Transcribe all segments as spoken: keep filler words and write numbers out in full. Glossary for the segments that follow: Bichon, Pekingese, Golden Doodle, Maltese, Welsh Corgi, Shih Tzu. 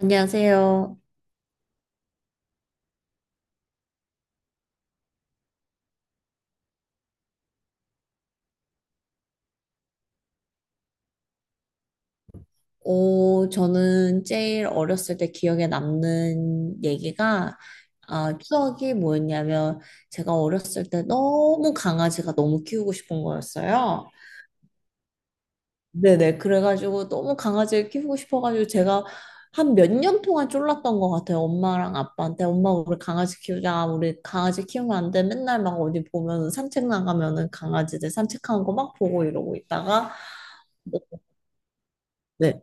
안녕하세요. 오, 저는 제일 어렸을 때 기억에 남는 얘기가, 아, 추억이 뭐였냐면, 제가 어렸을 때 너무 강아지가 너무 키우고 싶은 거였어요. 네네. 그래가지고 너무 강아지를 키우고 싶어가지고 제가 한 몇 년 동안 쫄랐던 것 같아요. 엄마랑 아빠한테. 엄마, 우리 강아지 키우자. 우리 강아지 키우면 안 돼. 맨날 막 어디 보면 산책 나가면은 강아지들 산책하는 거 막 보고 이러고 있다가, 뭐, 네.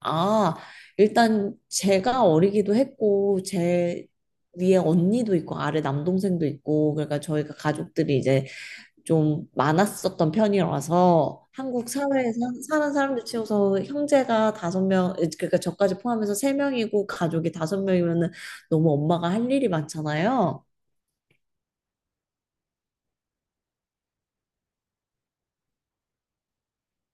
아, 일단 제가 어리기도 했고, 제 위에 언니도 있고, 아래 남동생도 있고, 그러니까 저희가 가족들이 이제 좀 많았었던 편이라서 한국 사회에서 사는 사람들 치고서 형제가 다섯 명, 그러니까 저까지 포함해서 세 명이고 가족이 다섯 명이면은 너무 엄마가 할 일이 많잖아요.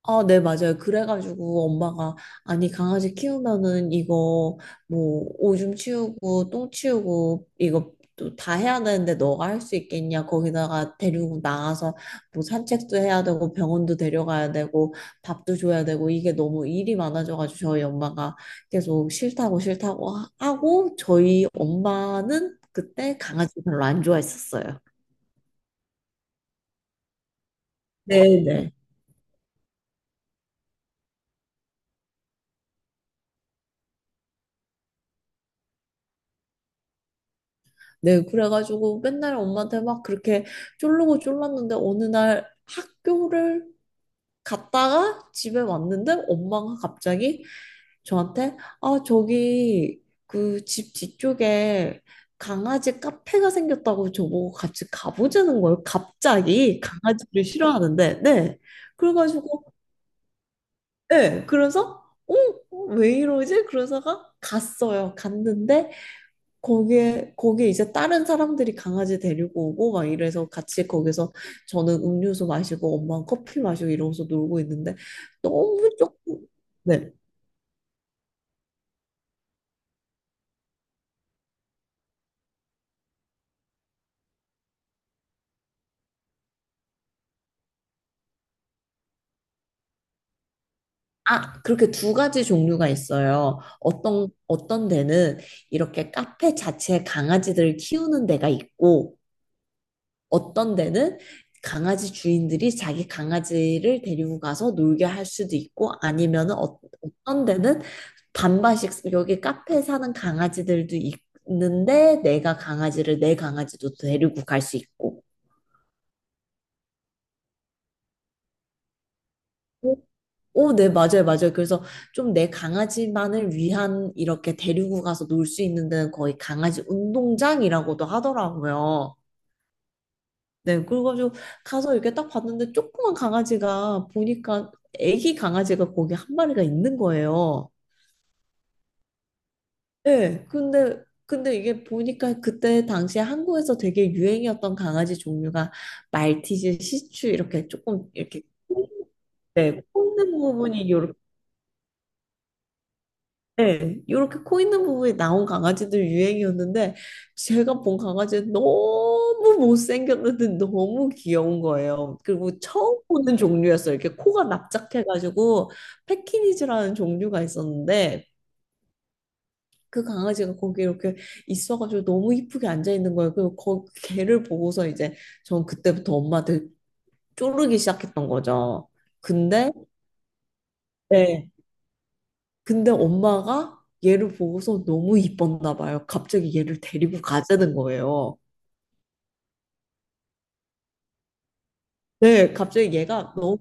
아, 네, 맞아요. 그래가지고 엄마가, 아니, 강아지 키우면은 이거 뭐 오줌 치우고 똥 치우고 이거 또 다 해야 되는데 너가 할 수 있겠냐? 거기다가 데리고 나가서 뭐 산책도 해야 되고 병원도 데려가야 되고 밥도 줘야 되고 이게 너무 일이 많아져가지고 저희 엄마가 계속 싫다고 싫다고 하- 하고 저희 엄마는 그때 강아지 별로 안 좋아했었어요. 네네. 네, 그래가지고 맨날 엄마한테 막 그렇게 쫄르고 쫄랐는데 어느 날 학교를 갔다가 집에 왔는데 엄마가 갑자기 저한테 아, 저기 그 집 뒤쪽에 강아지 카페가 생겼다고 저보고 같이 가보자는 거예요. 갑자기 강아지를 싫어하는데, 네. 그래가지고, 네. 그래서, 어? 왜 이러지? 그러다가 갔어요. 갔는데 거기에 거기에 이제 다른 사람들이 강아지 데리고 오고 막 이래서 같이 거기서 저는 음료수 마시고 엄마는 커피 마시고 이러면서 놀고 있는데 너무 조금 네. 아, 그렇게 두 가지 종류가 있어요. 어떤 어떤 데는 이렇게 카페 자체에 강아지들을 키우는 데가 있고 어떤 데는 강아지 주인들이 자기 강아지를 데리고 가서 놀게 할 수도 있고 아니면은 어, 어떤 데는 반반씩 여기 카페 사는 강아지들도 있는데 내가 강아지를 내 강아지도 데리고 갈 수 있고 오, 오, 네, 맞아요, 맞아요. 그래서 좀 내 강아지만을 위한 이렇게 데리고 가서 놀 수 있는 데는 거의 강아지 운동장이라고도 하더라고요. 네, 그래가지고 가서 이렇게 딱 봤는데 조그만 강아지가 보니까 애기 강아지가 거기 한 마리가 있는 거예요. 네, 근데 근데 이게 보니까 그때 당시에 한국에서 되게 유행이었던 강아지 종류가 말티즈, 시츄 이렇게 조금 이렇게 네, 코 있는 부분이 네, 이렇게 코 있는 부분이 나온 강아지들 유행이었는데 제가 본 강아지는 너무 못생겼는데 너무 귀여운 거예요. 그리고 처음 보는 종류였어요. 이렇게 코가 납작해가지고 패키니즈라는 종류가 있었는데 그 강아지가 거기 이렇게 있어가지고 너무 이쁘게 앉아 있는 거예요. 그리고 거, 걔를 보고서 이제 전 그때부터 엄마한테 쪼르기 시작했던 거죠. 근데 네. 근데 엄마가 얘를 보고서 너무 이뻤나 봐요. 갑자기 얘를 데리고 가자는 거예요. 네, 갑자기 얘가 너무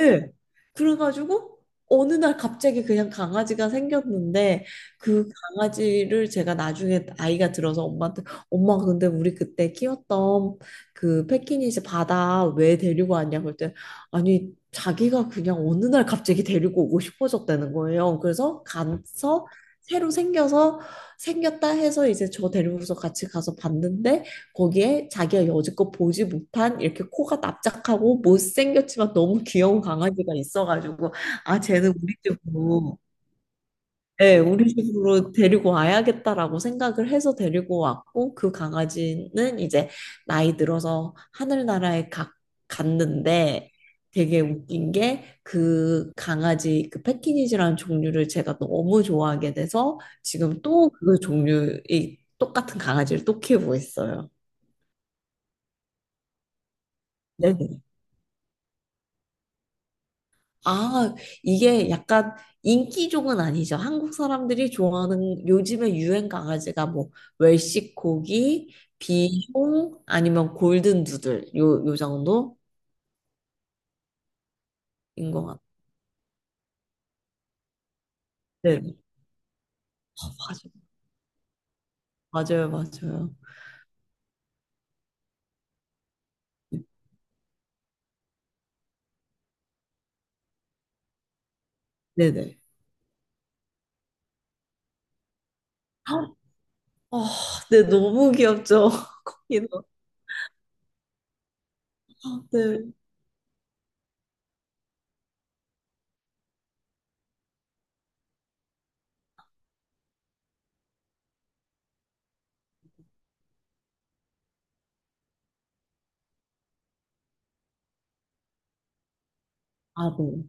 예. 그래가지고 어느 날 갑자기 그냥 강아지가 생겼는데 그 강아지를 제가 나중에 아이가 들어서 엄마한테 엄마 근데 우리 그때 키웠던 그 패키니즈 바다 왜 데리고 왔냐고 했더니 아니 자기가 그냥 어느 날 갑자기 데리고 오고 싶어졌다는 거예요. 그래서 가서 새로 생겨서 생겼다 해서 이제 저 데리고서 같이 가서 봤는데 거기에 자기가 여지껏 보지 못한 이렇게 코가 납작하고 못생겼지만 너무 귀여운 강아지가 있어가지고 아 쟤는 우리 집으로 예, 우리 집으로 데리고 와야겠다라고 생각을 해서 데리고 왔고 그 강아지는 이제 나이 들어서 하늘나라에 가, 갔는데 되게 웃긴 게 그 강아지 그 패키니지라는 종류를 제가 너무 좋아하게 돼서 지금 또 그 종류의 똑같은 강아지를 또 키우고 있어요. 네네. 아, 이게 약간 인기종은 아니죠. 한국 사람들이 좋아하는 요즘에 유행 강아지가 뭐 웰시 코기, 비숑 아니면 골든 두들 요 요 정도인 것 같아요. 네, 맞아요, 맞아요, 맞아요. 네네. 아, 네, 너무 귀엽죠. 거기는. 아, 네. 아, 네.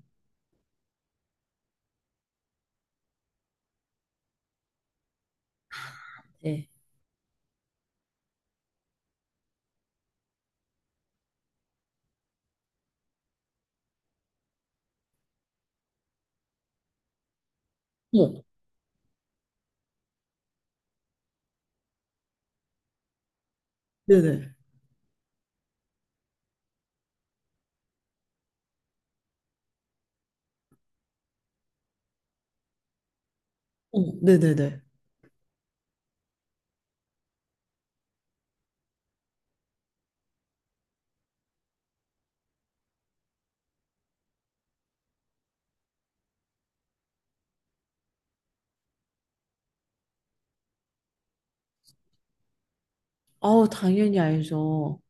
네. 어머, 네네. 어머, 네네네. 아우, 당연히 알죠.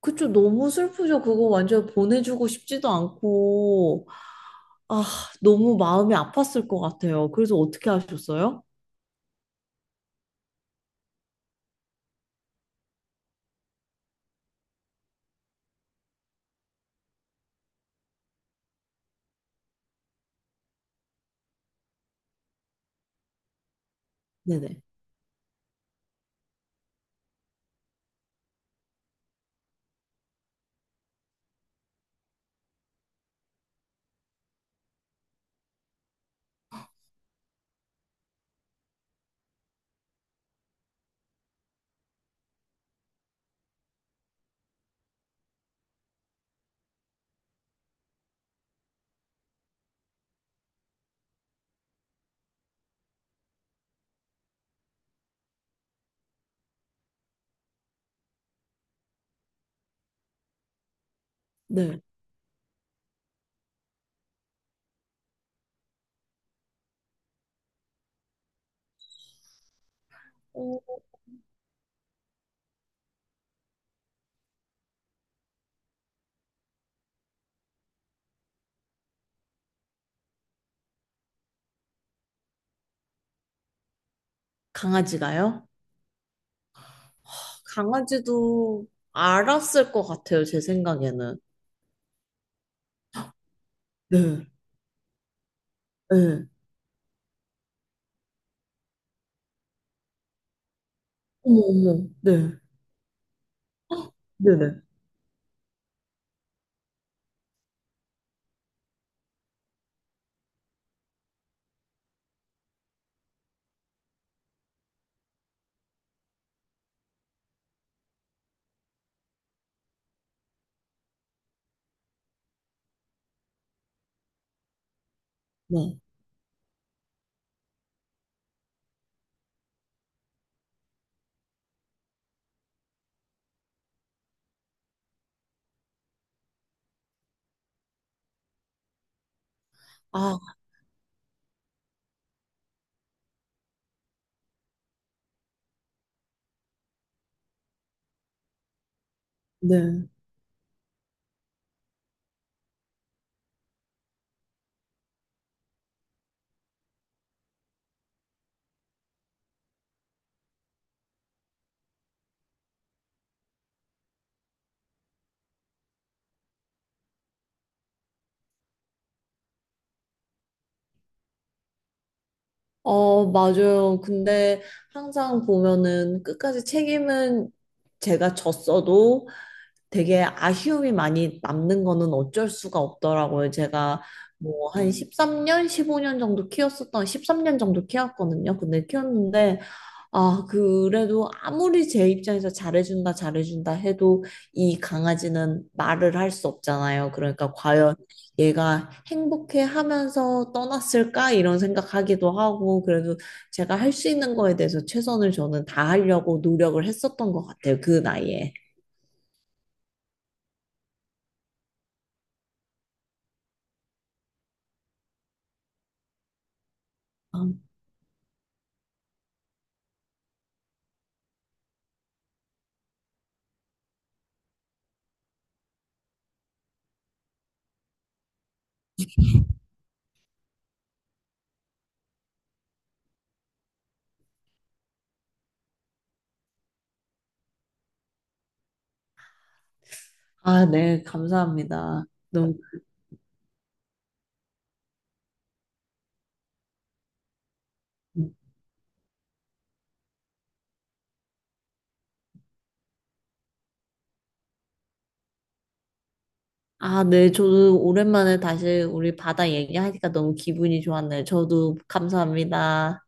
그쵸, 너무 슬프죠. 그거 완전 보내주고 싶지도 않고. 아, 너무 마음이 아팠을 것 같아요. 그래서 어떻게 하셨어요? 네네. 네. 어, 강아지가요? 강아지도 알았을 것 같아요, 제 생각에는. 네. 네. 어머, 어머. 네. 네네. 네. 아, 네. 어, 맞아요. 근데 항상 보면은 끝까지 책임은 제가 졌어도 되게 아쉬움이 많이 남는 거는 어쩔 수가 없더라고요. 제가 뭐 한 십삼 년, 십오 년 정도 키웠었던 십삼 년 정도 키웠거든요. 근데 키웠는데 아, 그래도 아무리 제 입장에서 잘해준다, 잘해준다 해도 이 강아지는 말을 할 수 없잖아요. 그러니까 과연 얘가 행복해 하면서 떠났을까? 이런 생각하기도 하고 그래도 제가 할 수 있는 거에 대해서 최선을 저는 다하려고 노력을 했었던 것 같아요. 그 나이에. 아, 아, 네, 감사합니다. 너무, 아, 네, 저도 오랜만에 다시 우리 바다 얘기하니까 너무 기분이 좋았네요. 저도 감사합니다.